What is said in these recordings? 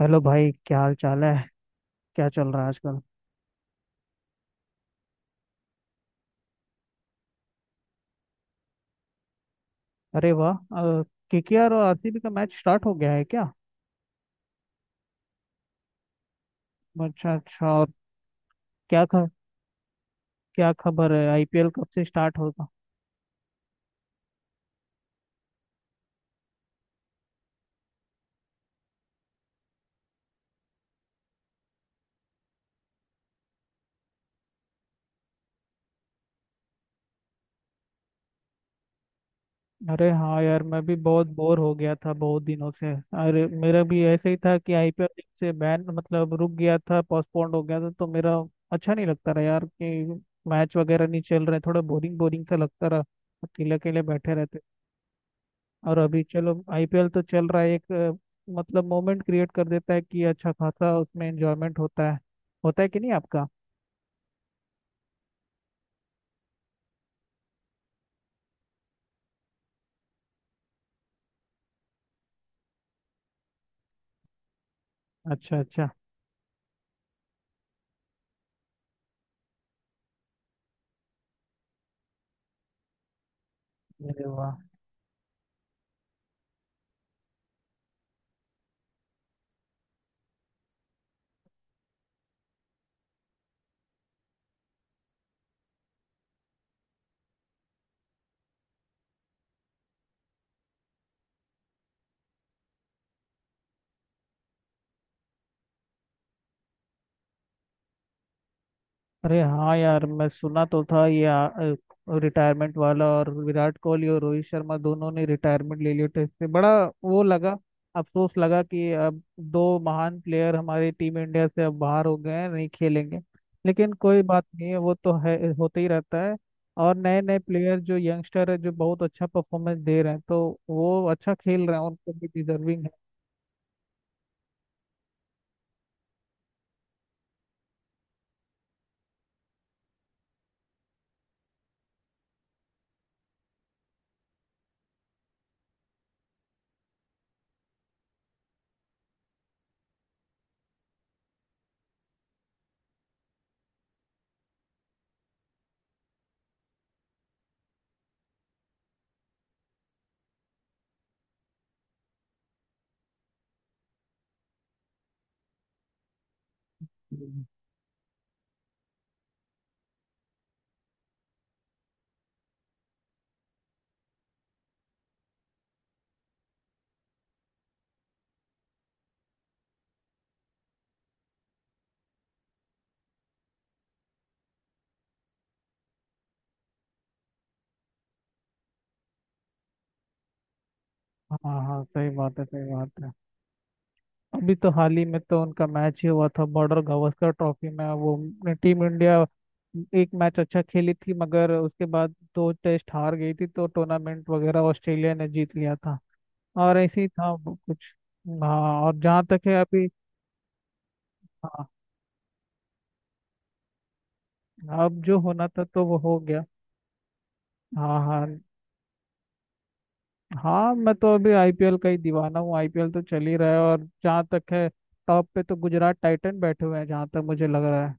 Hello भाई, क्या हाल चाल है। क्या चल रहा है आजकल। अरे वाह, केकेआर और आरसीबी का मैच स्टार्ट हो गया है क्या। अच्छा अच्छा, और क्या ख, क्या खबर है, आईपीएल कब से स्टार्ट होगा। अरे हाँ यार, मैं भी बहुत बोर हो गया था बहुत दिनों से। अरे मेरा भी ऐसे ही था कि आईपीएल जब से बैन, मतलब रुक गया था, पोस्टपोन्ड हो गया था, तो मेरा अच्छा नहीं लगता रहा यार कि मैच वगैरह नहीं चल रहे, थोड़ा बोरिंग बोरिंग सा लगता रहा। अकेले अकेले बैठे रहते। और अभी चलो आईपीएल तो चल रहा है एक मतलब मोमेंट क्रिएट कर देता है कि अच्छा खासा उसमें एंजॉयमेंट होता है। होता है कि नहीं आपका। अच्छा अच्छा। अरे वाह। अरे हाँ यार, मैं सुना तो था ये रिटायरमेंट वाला। और विराट कोहली और रोहित शर्मा दोनों ने रिटायरमेंट ले लिया टेस्ट से, बड़ा वो लगा, अफसोस लगा कि अब दो महान प्लेयर हमारी टीम इंडिया से अब बाहर हो गए हैं, नहीं खेलेंगे। लेकिन कोई बात नहीं है, वो तो है, होते ही रहता है। और नए नए प्लेयर जो यंगस्टर है जो बहुत अच्छा परफॉर्मेंस दे रहे हैं, तो वो अच्छा खेल रहे हैं, उनको भी डिजर्विंग है। हाँ हाँ, सही बात है, सही बात है। अभी तो हाल ही में तो उनका मैच ही हुआ था बॉर्डर गावस्कर ट्रॉफी में, वो टीम इंडिया एक मैच अच्छा खेली थी, मगर उसके बाद दो टेस्ट हार गई थी, तो टूर्नामेंट वगैरह ऑस्ट्रेलिया ने जीत लिया था। और ऐसे ही था वो कुछ। हाँ, और जहाँ तक है अभी, हाँ अब जो होना था तो वो हो गया। हाँ हाँ हाँ, मैं तो अभी आईपीएल का ही दीवाना हूँ। आईपीएल तो चल ही रहा है, और जहाँ तक है टॉप पे तो गुजरात टाइटन बैठे हुए हैं, जहाँ तक मुझे लग रहा है।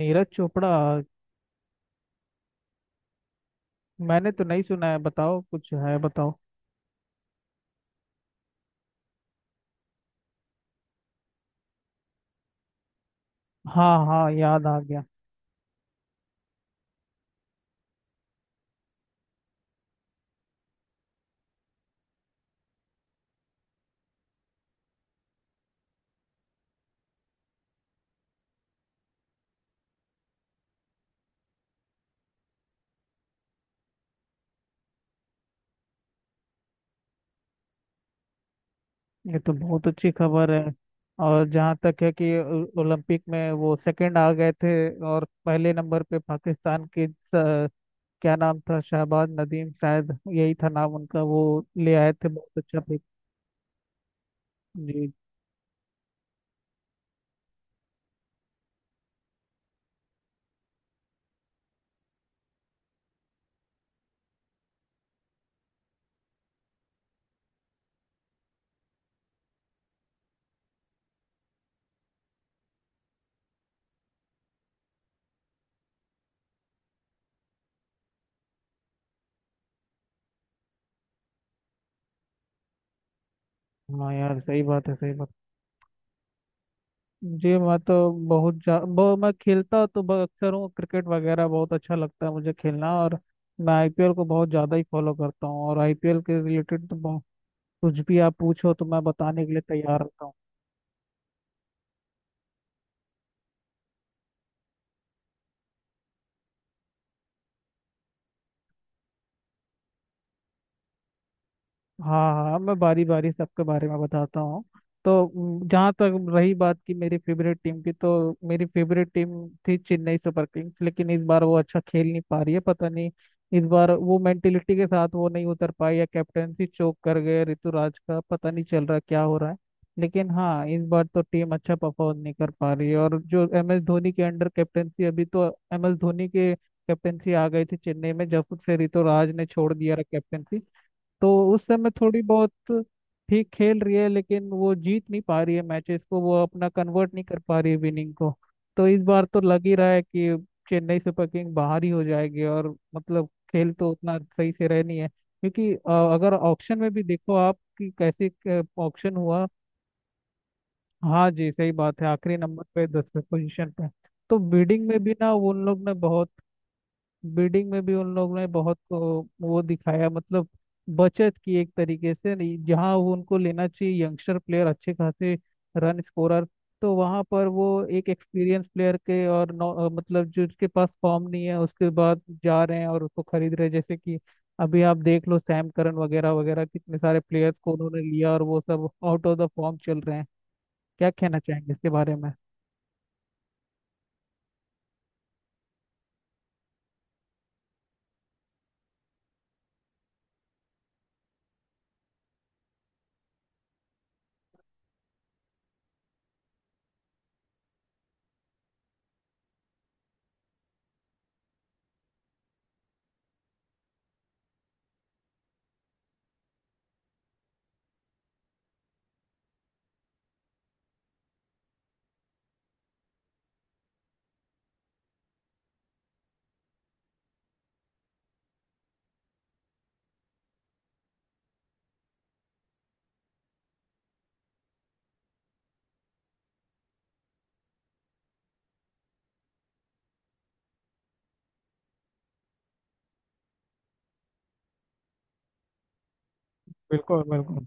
नीरज चोपड़ा? मैंने तो नहीं सुना है, बताओ कुछ है, बताओ। हाँ हाँ, याद आ गया। ये तो बहुत अच्छी खबर है। और जहाँ तक है कि ओलंपिक में वो सेकंड आ गए थे। और पहले नंबर पे पाकिस्तान के क्या नाम था, शहबाज नदीम शायद, यही था नाम उनका। वो ले आए थे बहुत अच्छा पे। जी हाँ यार, सही बात है, सही बात है। जी मैं तो मैं खेलता तो अक्सर हूँ, क्रिकेट वगैरह बहुत अच्छा लगता है मुझे खेलना। और मैं आईपीएल को बहुत ज़्यादा ही फॉलो करता हूँ, और आईपीएल के रिलेटेड तो कुछ भी आप पूछो तो मैं बताने के लिए तैयार रहता हूँ। हाँ हाँ हाँ, मैं बारी बारी सबके बारे में बताता हूँ। तो जहाँ तक रही बात की मेरी फेवरेट टीम की, तो मेरी फेवरेट टीम थी चेन्नई सुपर किंग्स, लेकिन इस बार वो अच्छा खेल नहीं पा रही है। पता नहीं इस बार वो मेंटेलिटी के साथ वो नहीं उतर पाई, या कैप्टेंसी चोक कर गए, ऋतुराज का पता नहीं चल रहा क्या हो रहा है। लेकिन हाँ, इस बार तो टीम अच्छा परफॉर्म नहीं कर पा रही है। और जो एम एस धोनी के अंडर कैप्टेंसी अभी तो, एम एस धोनी के कैप्टेंसी आ गई थी चेन्नई में जब से ऋतुराज ने छोड़ दिया कैप्टेंसी, तो उस समय थोड़ी बहुत ठीक खेल रही है, लेकिन वो जीत नहीं पा रही है मैचेस को, वो अपना कन्वर्ट नहीं कर पा रही है विनिंग को। तो इस बार तो लग ही रहा है कि चेन्नई सुपर किंग बाहर ही हो जाएगी। और मतलब खेल तो उतना सही से रह नहीं है, क्योंकि अगर ऑक्शन में भी देखो आप कि कैसे ऑक्शन हुआ। हाँ जी, सही बात है, आखिरी नंबर पे, दसवें पोजीशन पे। तो बिडिंग में भी ना उन लोग ने बहुत, बिल्डिंग में भी उन लोगों ने बहुत वो दिखाया, मतलब बचत की एक तरीके से नहीं, जहाँ वो उनको लेना चाहिए यंगस्टर प्लेयर अच्छे खासे रन स्कोरर, तो वहाँ पर वो एक एक्सपीरियंस प्लेयर के और मतलब जो उसके पास फॉर्म नहीं है उसके बाद जा रहे हैं और उसको खरीद रहे हैं, जैसे कि अभी आप देख लो सैम करन वगैरह वगैरह कितने सारे प्लेयर्स को उन्होंने लिया और वो सब आउट ऑफ द फॉर्म चल रहे हैं। क्या कहना चाहेंगे इसके बारे में। बिल्कुल बिल्कुल,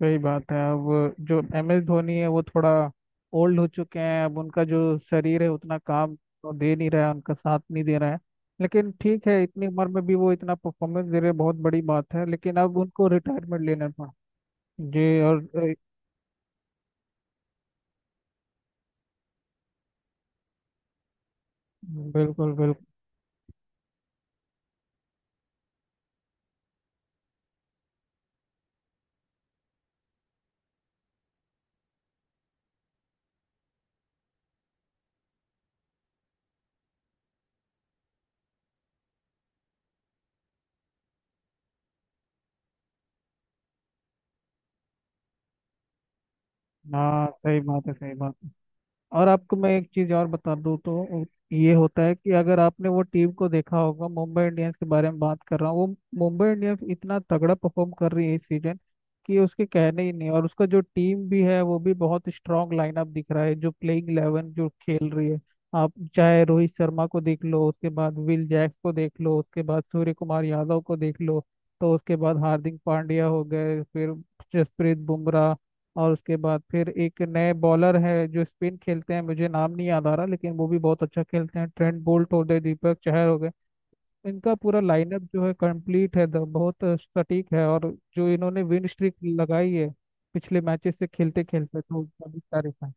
सही बात है। अब जो एम एस धोनी है वो थोड़ा ओल्ड हो चुके हैं, अब उनका जो शरीर है उतना काम तो दे नहीं रहा है, उनका साथ नहीं दे रहा है। लेकिन ठीक है, इतनी उम्र में भी वो इतना परफॉर्मेंस दे रहे हैं, बहुत बड़ी बात है, लेकिन अब उनको रिटायरमेंट लेना पड़ा। जी, और बिल्कुल बिल्कुल। हाँ सही बात है, सही बात। और आपको मैं एक चीज़ और बता दूँ तो, ये होता है कि अगर आपने वो टीम को देखा होगा, मुंबई इंडियंस के बारे में बात कर रहा हूँ, वो मुंबई इंडियंस इतना तगड़ा परफॉर्म कर रही है इस सीजन कि उसके कहने ही नहीं, और उसका जो टीम भी है वो भी बहुत स्ट्रांग लाइनअप दिख रहा है जो प्लेइंग 11 जो खेल रही है। आप चाहे रोहित शर्मा को देख लो, उसके बाद विल जैक्स को देख लो, उसके बाद सूर्य कुमार यादव को देख लो, तो उसके बाद हार्दिक पांड्या हो गए, फिर जसप्रीत बुमराह, और उसके बाद फिर एक नए बॉलर है जो स्पिन खेलते हैं, मुझे नाम नहीं याद आ रहा, लेकिन वो भी बहुत अच्छा खेलते हैं, ट्रेंट बोल्ट हो गए, दीपक चहर हो गए। इनका पूरा लाइनअप जो है कंप्लीट है, बहुत सटीक है, और जो इन्होंने विन स्ट्रीक लगाई है पिछले मैचेस से खेलते खेलते, तो उसका भी तारीफ है।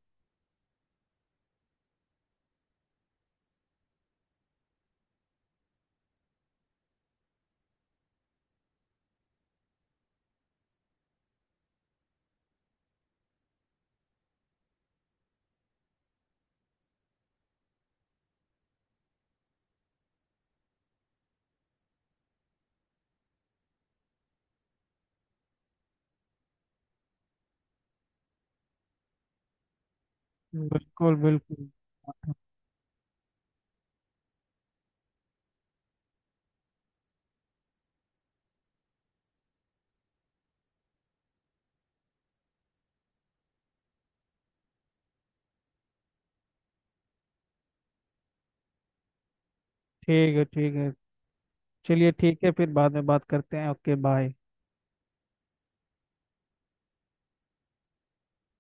बिल्कुल बिल्कुल। ठीक है, ठीक है। चलिए ठीक है, फिर बाद में बात करते हैं, ओके बाय।